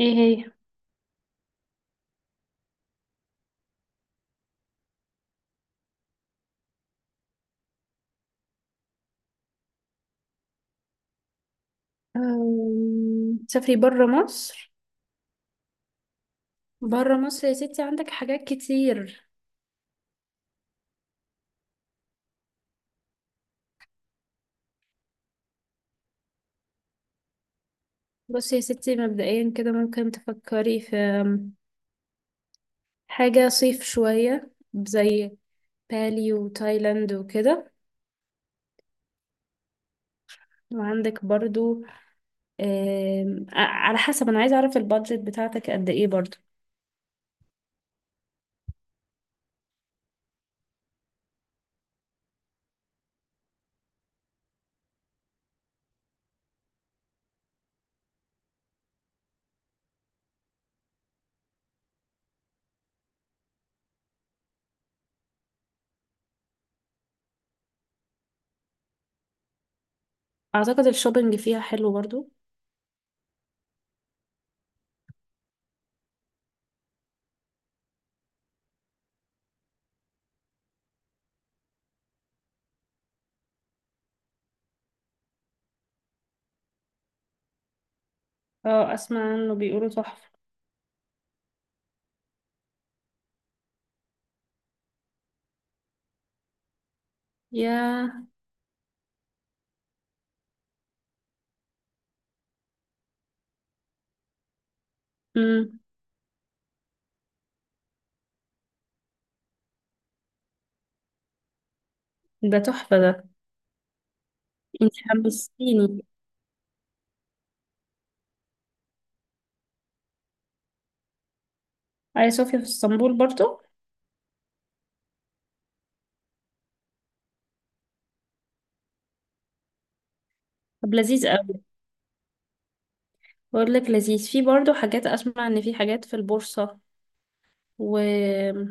ايه هي؟ تسافري برا مصر؟ برا مصر يا ستي عندك حاجات كتير. بصي يا ستي، مبدئيا كده ممكن تفكري في حاجة صيف شوية زي بالي وتايلاند وكده. وعندك برضو أم، ع- على حسب، أنا عايزة أعرف البادجت بتاعتك قد إيه برضو. أعتقد الشوبينج فيها حلو برضو. اه أسمع عنه، بيقولوا تحفة. يا. مم. ده تحفة ده. انت حمستيني. أي صوفيا في اسطنبول برضو؟ طب لذيذ أوي. بقول لك لذيذ، في برضو حاجات، اسمع ان في حاجات في البورصة و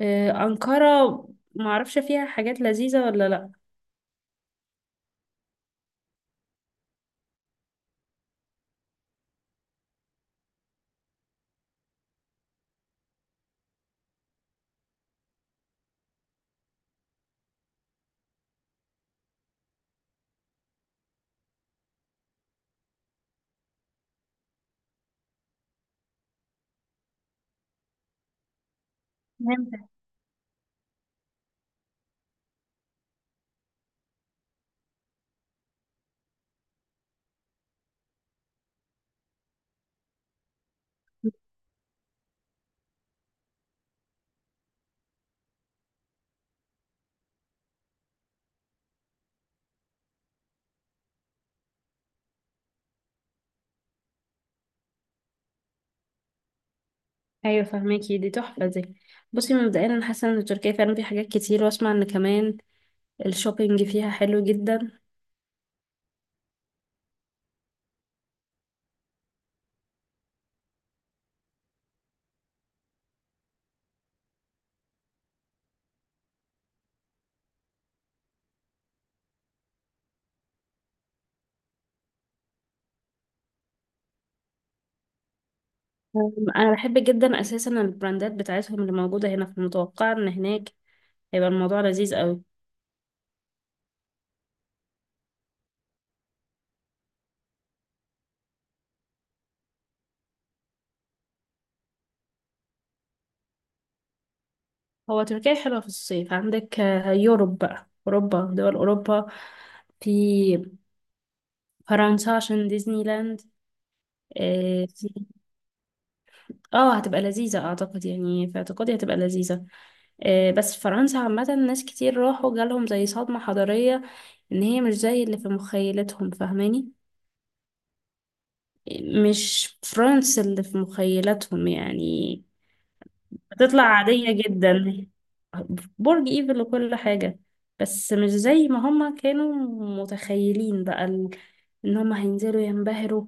أنقرة، معرفش فيها حاجات لذيذة ولا لا. فهمتك. ايوه فهماكي، دي تحفة دي. بصي مبدئيا انا حاسة ان تركيا فعلا فيها حاجات كتير، واسمع ان كمان الشوبينج فيها حلو جدا. انا بحب جدا اساسا البراندات بتاعتهم اللي موجودة هنا، فمتوقعة ان هناك هيبقى الموضوع لذيذ قوي. هو تركيا حلوة في الصيف. عندك يوروب بقى، اوروبا، دول اوروبا. في فرنسا عشان ديزني لاند. اه، هتبقى لذيذة اعتقد، يعني في اعتقادي هتبقى لذيذة. بس فرنسا عامة، ناس كتير راحوا جالهم زي صدمة حضارية إن هي مش زي اللي في مخيلتهم، فاهماني؟ مش فرنسا اللي في مخيلتهم يعني. هتطلع عادية جدا. برج إيفل وكل حاجة، بس مش زي ما هما كانوا متخيلين إن هما هينزلوا ينبهروا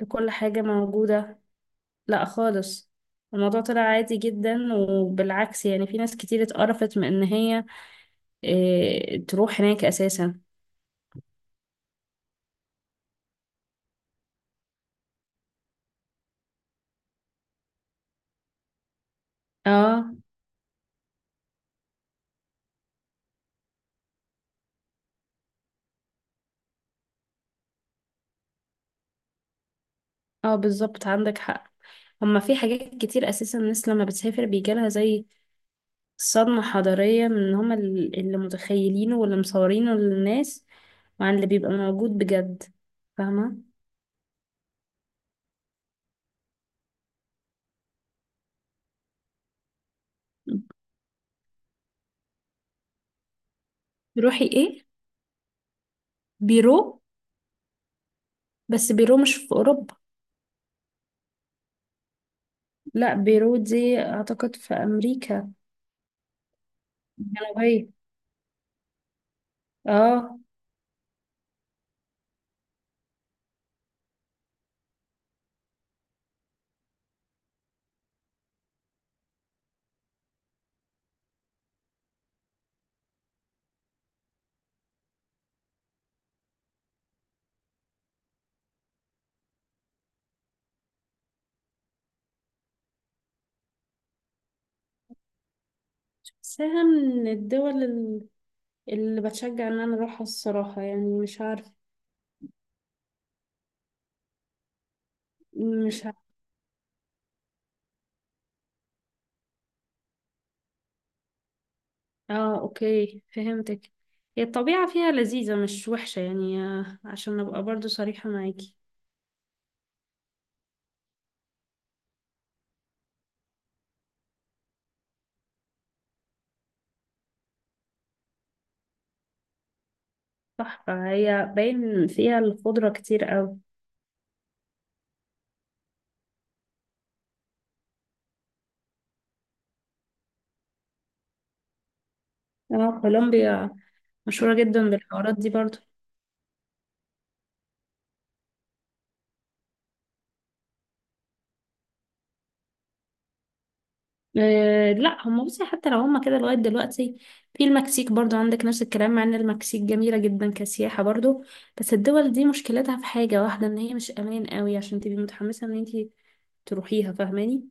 بكل حاجة موجودة. لا خالص. الموضوع طلع عادي جدا، وبالعكس يعني في ناس كتير اتقرفت من ان هي إيه تروح هناك اساسا. اه. اه بالظبط، عندك حق. هما في حاجات كتير اساسا، الناس لما بتسافر بيجالها زي صدمة حضارية من ان هما اللي متخيلينه واللي مصورينه للناس، وعن اللي بيبقى موجود بجد، فاهمة؟ تروحي ايه؟ بيرو؟ بس بيرو مش في اوروبا. لا بيرو دي اعتقد في امريكا جنوبية. اه. بحسها من اللي بتشجع ان انا اروحها الصراحة، يعني مش عارف. مش عارف. اه اوكي فهمتك. هي الطبيعة فيها لذيذة مش وحشة يعني، عشان ابقى برضو صريحة معاكي. صح، فهي باين فيها الخضرة كتير اوي. اه كولومبيا مشهورة جدا بالحوارات دي برضو. أه لا هم، بصي حتى لو هم كده لغاية دلوقتي، في المكسيك برضو عندك نفس الكلام، مع ان المكسيك جميلة جدا كسياحة برضو. بس الدول دي مشكلتها في حاجة واحدة، ان هي مش امان قوي عشان تبقي متحمسة ان انتي تروحيها، فاهماني؟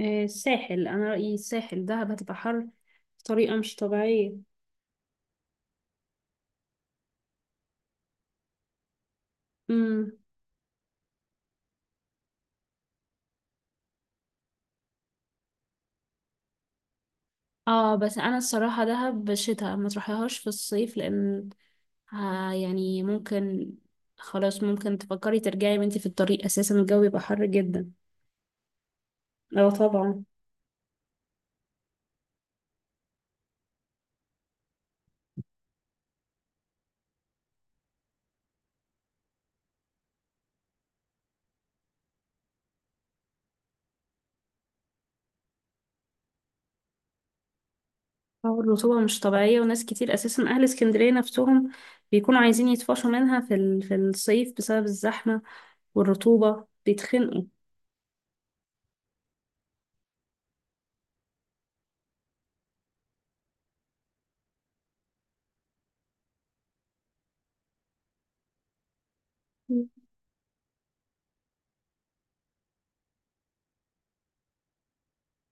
أه الساحل، انا رأيي الساحل. دهب هتبقى حر بطريقة مش طبيعية. امم اه بس انا الصراحة دهب شتاء، ما تروحيهاش في الصيف لان آه يعني ممكن، خلاص ممكن تفكري ترجعي وانتي في الطريق، اساسا الجو بيبقى حر جدا. اه طبعا. اه الرطوبة مش طبيعية، وناس كتير أساسا أهل اسكندرية نفسهم بيكونوا عايزين يتفاشوا منها في في الصيف بسبب الزحمة، والرطوبة بيتخنقوا. مم.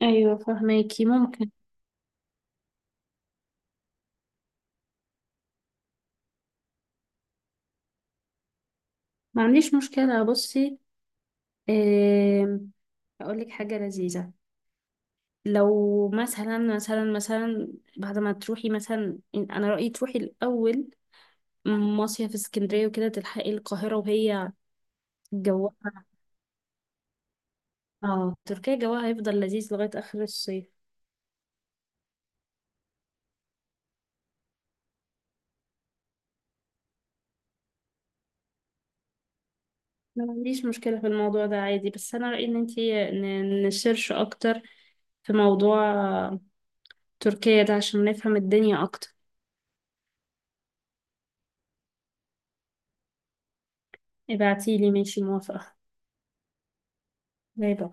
أيوة فهماكي ممكن. ما عنديش مشكلة. بصي، أقول أقولك حاجة لذيذة. لو مثلا مثلا بعد ما تروحي مثلا، أنا رأيي تروحي الأول مصيف اسكندرية وكده تلحقي القاهرة وهي جوها. اه تركيا جوها هيفضل لذيذ لغاية آخر الصيف. ما عنديش مشكلة في الموضوع ده عادي، بس أنا رأيي إن انتي نسيرش أكتر في موضوع تركيا ده عشان نفهم الدنيا أكتر. ابعتيلي، ماشي موافقة. باي باي.